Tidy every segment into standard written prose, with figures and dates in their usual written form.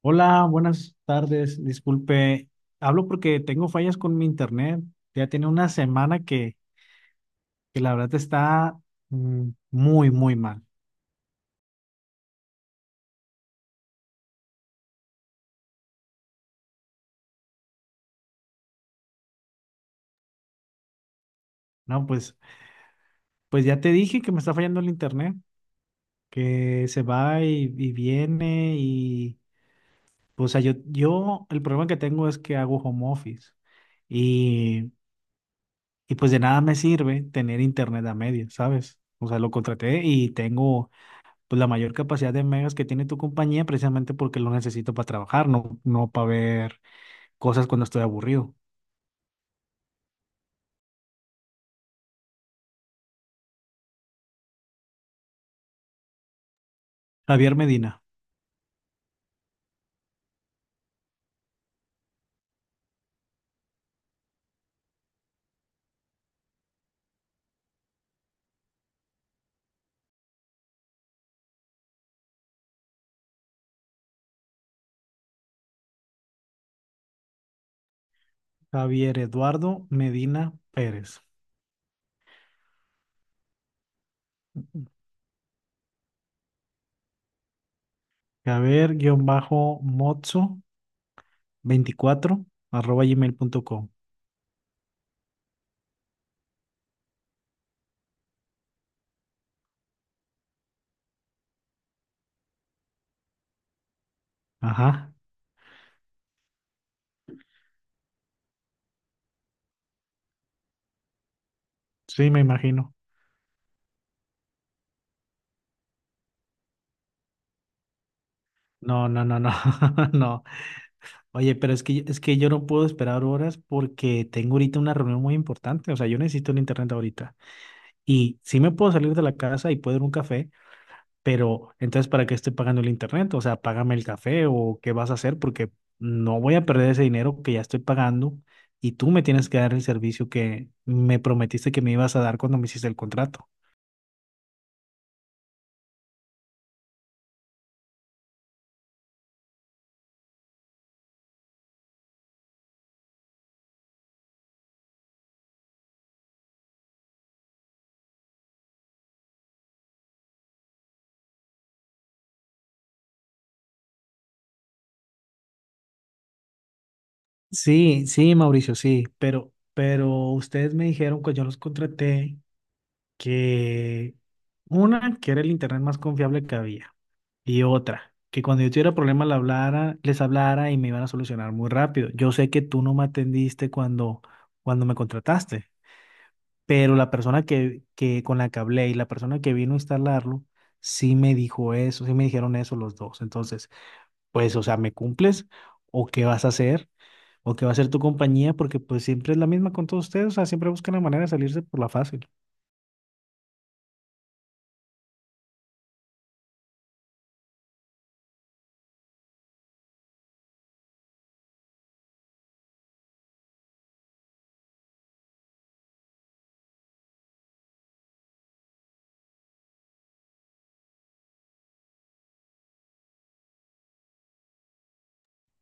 Hola, buenas tardes. Disculpe, hablo porque tengo fallas con mi internet. Ya tiene una semana que la verdad está muy, muy mal. No, pues ya te dije que me está fallando el internet, que se va y viene y, pues, o sea, yo, el problema que tengo es que hago home office y, y pues de nada me sirve tener internet a medias, ¿sabes? O sea, lo contraté y tengo pues la mayor capacidad de megas que tiene tu compañía precisamente porque lo necesito para trabajar, no para ver cosas cuando estoy aburrido. Javier Medina. Javier Eduardo Medina Pérez. javiermotzo24@gmail.com. Ajá, sí, me imagino. No, no, no, no, no. Oye, pero es que yo no puedo esperar horas porque tengo ahorita una reunión muy importante. O sea, yo necesito el internet ahorita. Y sí me puedo salir de la casa y puedo ir a un café. Pero entonces, ¿para qué estoy pagando el internet? O sea, págame el café o qué vas a hacer porque no voy a perder ese dinero que ya estoy pagando y tú me tienes que dar el servicio que me prometiste que me ibas a dar cuando me hiciste el contrato. Sí, sí, Mauricio, sí, pero ustedes me dijeron cuando yo los contraté que una, que era el internet más confiable que había y otra, que cuando yo tuviera problemas le hablara, les hablara y me iban a solucionar muy rápido. Yo sé que tú no me atendiste cuando me contrataste. Pero la persona que con la que hablé y la persona que vino a instalarlo, sí me dijo eso, sí me dijeron eso los dos. Entonces, pues, o sea, ¿me cumples? ¿O qué vas a hacer? ¿O qué va a hacer tu compañía? Porque pues siempre es la misma con todos ustedes, o sea, siempre buscan la manera de salirse por la fácil.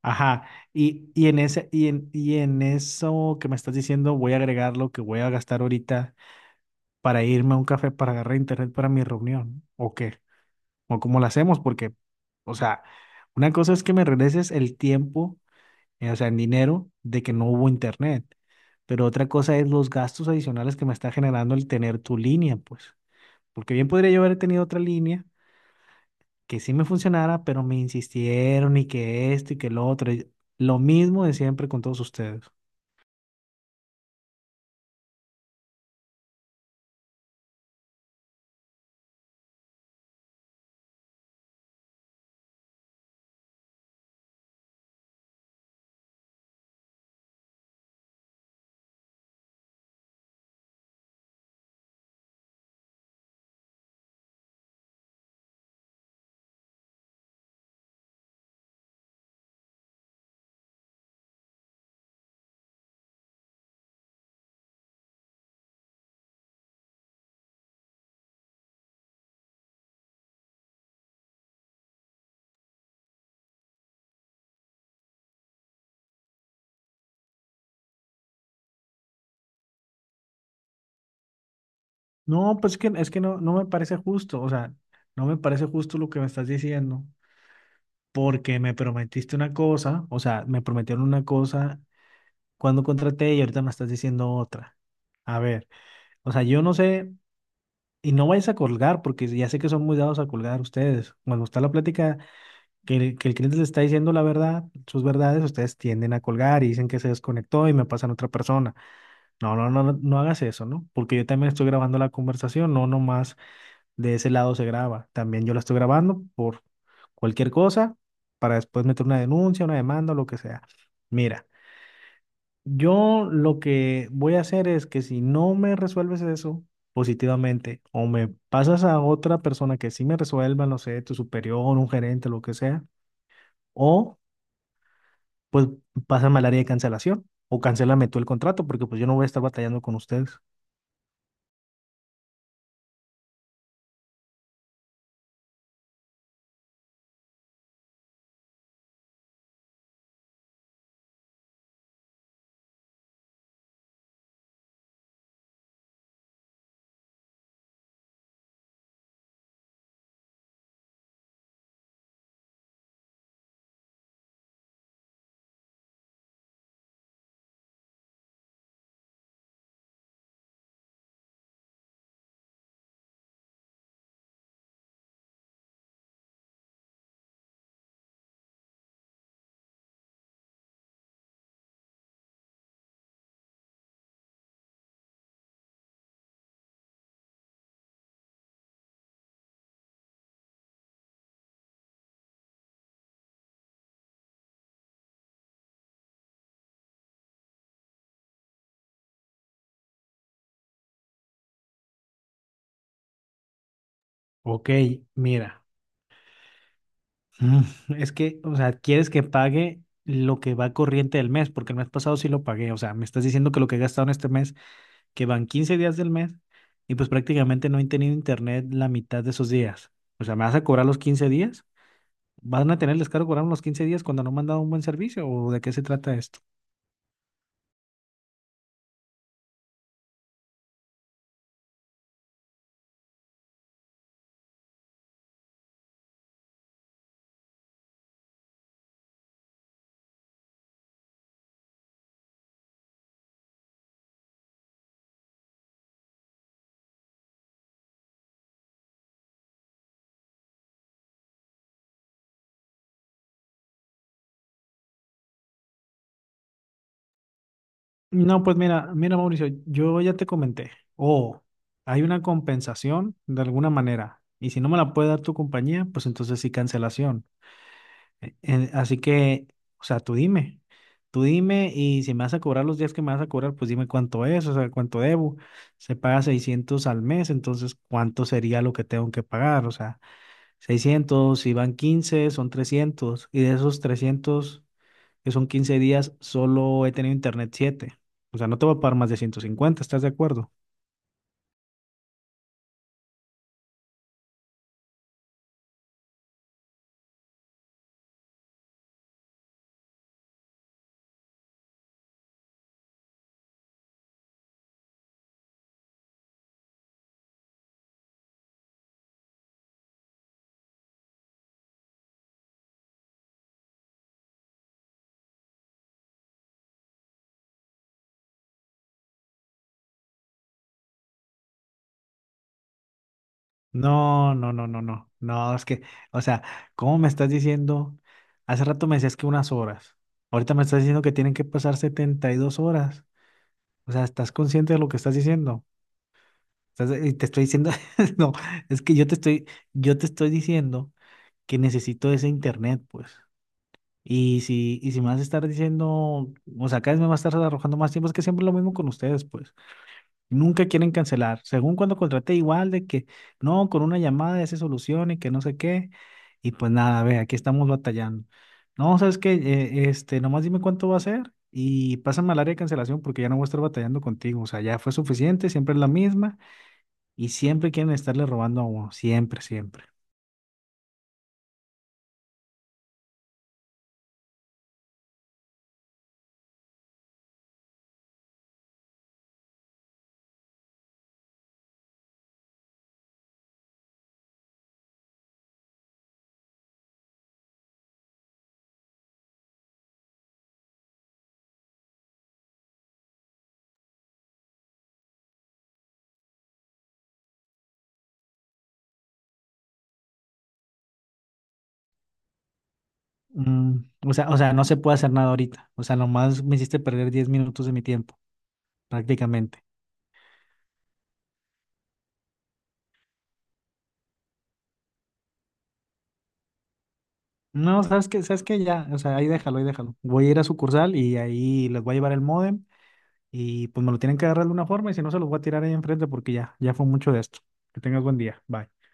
Ajá, y, en ese, y en eso que me estás diciendo, voy a agregar lo que voy a gastar ahorita para irme a un café para agarrar internet para mi reunión. ¿O qué? ¿O cómo lo hacemos? Porque, o sea, una cosa es que me regreses el tiempo, o sea, en dinero, de que no hubo internet. Pero otra cosa es los gastos adicionales que me está generando el tener tu línea, pues. Porque bien podría yo haber tenido otra línea que sí me funcionara, pero me insistieron y que esto y que lo otro. Y lo mismo de siempre con todos ustedes. No, pues que, es que no me parece justo. O sea, no me parece justo lo que me estás diciendo. Porque me prometiste una cosa, o sea, me prometieron una cosa cuando contraté y ahorita me estás diciendo otra. A ver, o sea, yo no sé. Y no vayas a colgar, porque ya sé que son muy dados a colgar ustedes. Cuando está la plática que el cliente les está diciendo la verdad, sus verdades, ustedes tienden a colgar y dicen que se desconectó y me pasan a otra persona. No, no, no, no, no hagas eso, ¿no? Porque yo también estoy grabando la conversación, no nomás de ese lado se graba. También yo la estoy grabando por cualquier cosa para después meter una denuncia, una demanda o lo que sea. Mira, yo lo que voy a hacer es que si no me resuelves eso positivamente o me pasas a otra persona que sí me resuelva, no sé, tu superior, un gerente, lo que sea, o pues pásame al área de cancelación o cancélame tú el contrato porque pues yo no voy a estar batallando con ustedes. Ok, mira, es que, o sea, quieres que pague lo que va corriente del mes porque el mes pasado sí lo pagué, o sea, me estás diciendo que lo que he gastado en este mes, que van 15 días del mes, y pues prácticamente no han tenido internet la mitad de esos días. O sea, ¿me vas a cobrar los 15 días? ¿Van a tener el descaro cobrarme los 15 días cuando no me han dado un buen servicio? ¿O de qué se trata esto? No, pues mira, mira Mauricio, yo ya te comenté, o hay una compensación de alguna manera, y si no me la puede dar tu compañía, pues entonces sí cancelación. Así que, o sea, tú dime y si me vas a cobrar los días que me vas a cobrar, pues dime cuánto es, o sea, cuánto debo. Se paga 600 al mes, entonces, ¿cuánto sería lo que tengo que pagar? O sea, 600 si van 15 son 300. Y de esos 300, que son 15 días, solo he tenido internet 7. O sea, no te voy a pagar más de 150. ¿Estás de acuerdo? No, no, no, no, no. No, es que, o sea, ¿cómo me estás diciendo? Hace rato me decías que unas horas. Ahorita me estás diciendo que tienen que pasar 72 horas. O sea, ¿estás consciente de lo que estás diciendo? Y te estoy diciendo, no, es que yo te estoy diciendo que necesito ese internet, pues. Y si me vas a estar diciendo, o sea, cada vez me vas a estar arrojando más tiempo, es que siempre es lo mismo con ustedes, pues. Nunca quieren cancelar. Según cuando contraté, igual de que no, con una llamada ya se soluciona y que no sé qué. Y pues nada, ve, aquí estamos batallando. No, ¿sabes qué? Este, nomás dime cuánto va a ser y pásame al área de cancelación porque ya no voy a estar batallando contigo. O sea, ya fue suficiente, siempre es la misma y siempre quieren estarle robando a uno. Siempre, siempre. Mm, o sea, o sea, no se puede hacer nada ahorita. O sea, nomás me hiciste perder 10 minutos de mi tiempo, prácticamente. No, sabes que ya, o sea, ahí déjalo, ahí déjalo. Voy a ir a sucursal y ahí les voy a llevar el módem y pues me lo tienen que agarrar de una forma y si no se los voy a tirar ahí enfrente porque ya, ya fue mucho de esto. Que tengas buen día. Bye.